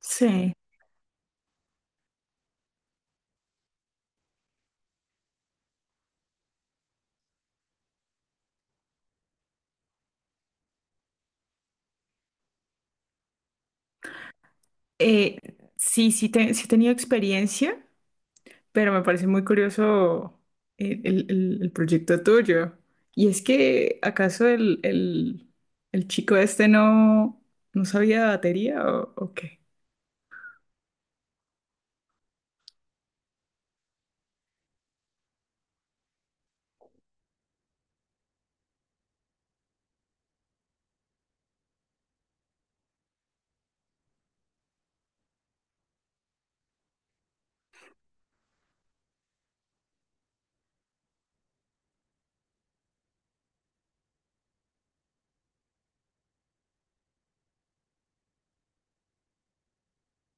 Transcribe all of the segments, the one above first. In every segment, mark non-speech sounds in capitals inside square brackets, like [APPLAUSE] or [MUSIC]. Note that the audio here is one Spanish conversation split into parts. Sí, eh, sí he tenido experiencia, pero me parece muy curioso el proyecto tuyo. Y es que, ¿acaso el chico este no sabía de batería o qué?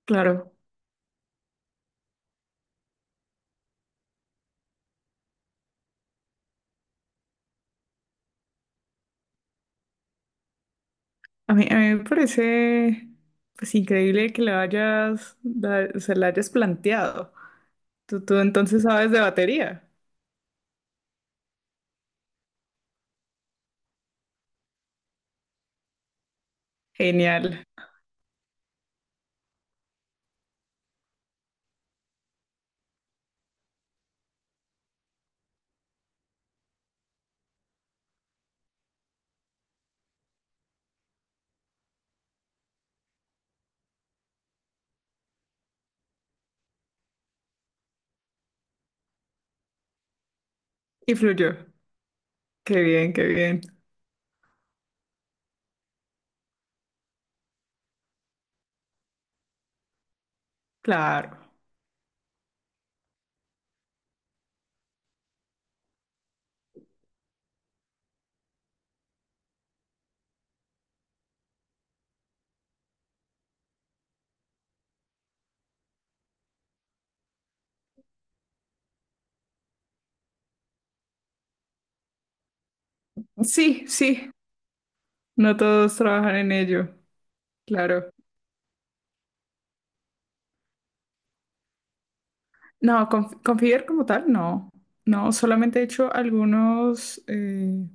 Claro, a mí me parece pues increíble que se la hayas planteado. Tú entonces sabes de batería. Genial. Y fluyó. Qué bien, qué bien. Claro. Sí, sí. No todos trabajan en ello, claro. No, con como tal, no. No, solamente he hecho algunos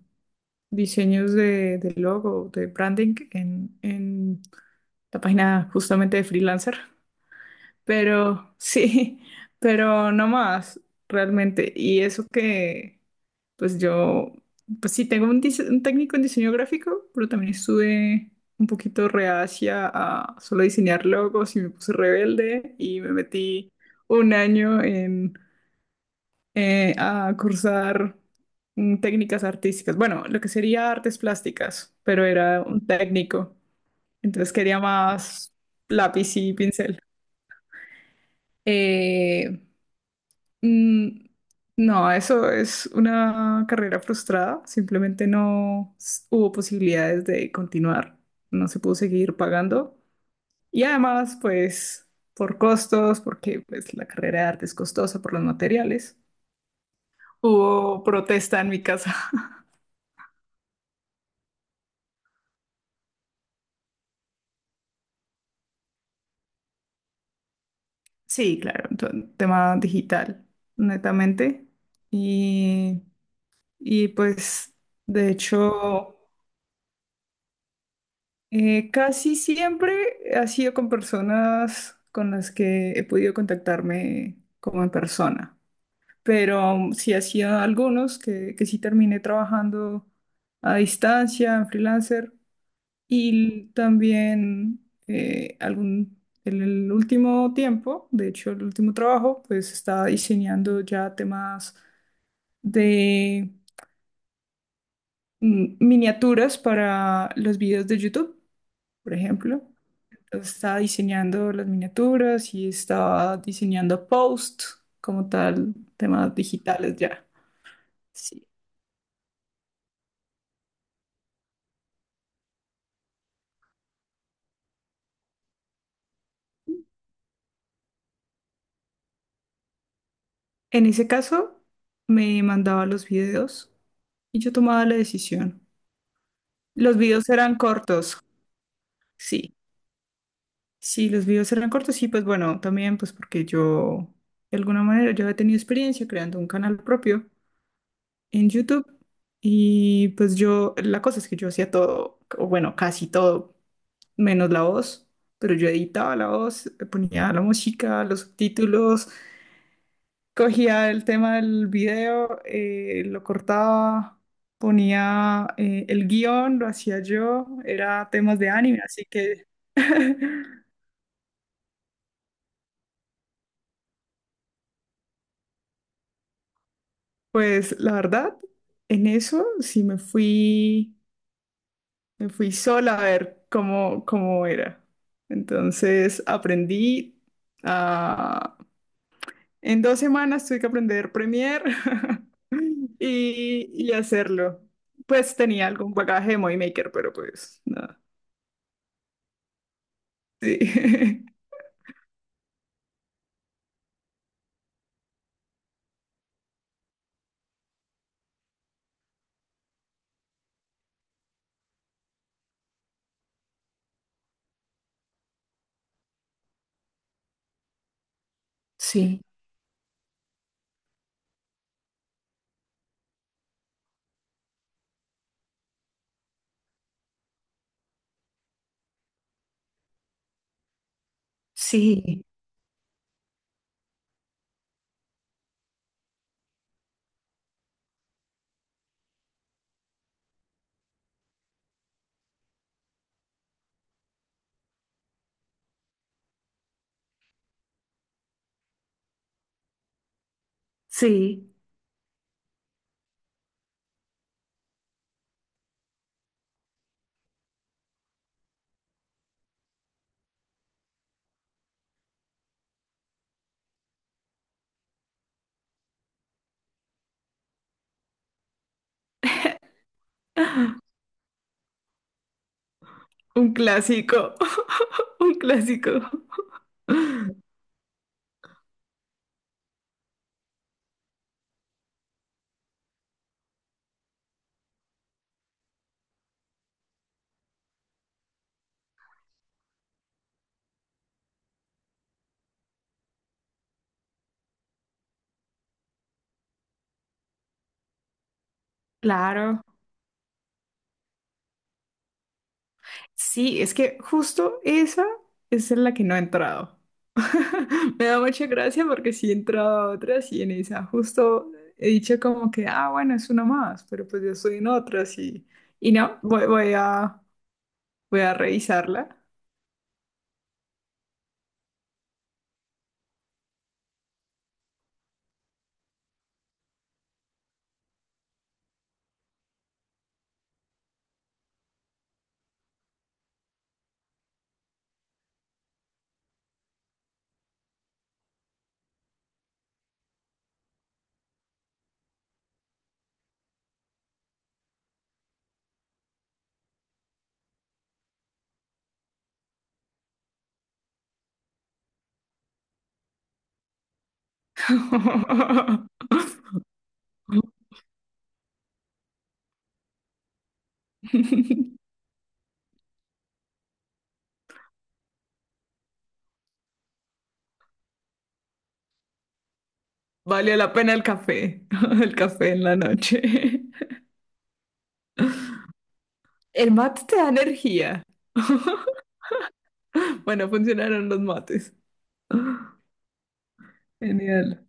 diseños de logo, de branding en la página justamente de freelancer. Pero [LAUGHS] sí, pero no más, realmente. Y eso que, pues yo, pues sí, tengo un técnico en diseño gráfico, pero también estuve un poquito reacia a solo diseñar logos y me puse rebelde y me metí un año en, a cursar técnicas artísticas. Bueno, lo que sería artes plásticas, pero era un técnico. Entonces quería más lápiz y pincel. Eh, Mm, no, eso es una carrera frustrada. Simplemente no s- hubo posibilidades de continuar. No se pudo seguir pagando. Y además, pues, por costos, porque pues, la carrera de arte es costosa por los materiales. Hubo protesta en mi casa. [LAUGHS] Sí, claro, tema digital, netamente. Y, y pues, de hecho... casi siempre ha sido con personas con las que he podido contactarme como en persona, pero sí ha sido algunos que sí terminé trabajando a distancia, en freelancer, y también algún, en el último tiempo, de hecho el último trabajo, pues estaba diseñando ya temas de miniaturas para los videos de YouTube, por ejemplo. Estaba diseñando las miniaturas y estaba diseñando post como tal, temas digitales ya. Sí. En ese caso, me mandaba los videos y yo tomaba la decisión. Los videos eran cortos, sí. Sí, los videos eran cortos y pues bueno, también pues porque yo, de alguna manera, yo he tenido experiencia creando un canal propio en YouTube y pues yo, la cosa es que yo hacía todo, o bueno, casi todo menos la voz, pero yo editaba la voz, le ponía la música, los subtítulos, cogía el tema del video, lo cortaba, ponía el guión, lo hacía yo, era temas de anime, así que [LAUGHS] pues la verdad, en eso sí me fui sola a ver cómo, cómo era. Entonces aprendí a En 2 semanas tuve que aprender Premiere [LAUGHS] y hacerlo. Pues tenía algún bagaje de Movie Maker, pero pues nada. Sí. [LAUGHS] Sí, sí, sí. Un clásico, [LAUGHS] un clásico. Claro. Sí, es que justo esa es en la que no he entrado. [LAUGHS] Me da mucha gracia porque sí he entrado a otras y en esa justo he dicho como que, ah, bueno, es una más, pero pues yo estoy en otras y no, voy a, voy a revisarla. [LAUGHS] Valió la pena el café, [LAUGHS] el café en la noche. El mate te da energía. [LAUGHS] Bueno, funcionaron los mates. Genial.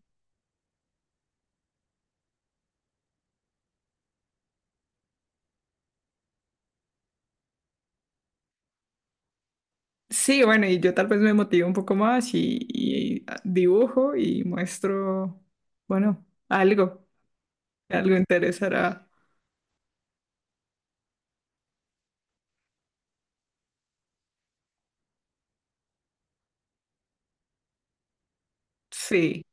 Sí, bueno, y yo tal vez me motivo un poco más y dibujo y muestro, bueno, algo, algo interesará. Sí,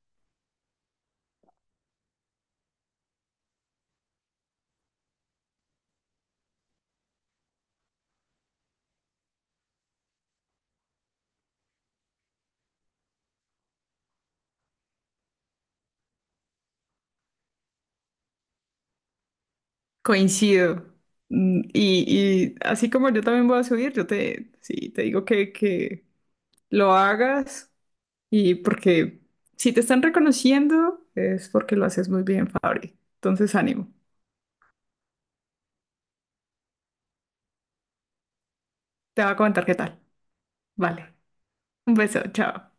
coincido. Y así como yo también voy a subir, yo te, sí, te digo que lo hagas y porque si te están reconociendo es porque lo haces muy bien, Fabri. Entonces, ánimo. Te voy a comentar qué tal. Vale. Un beso, chao.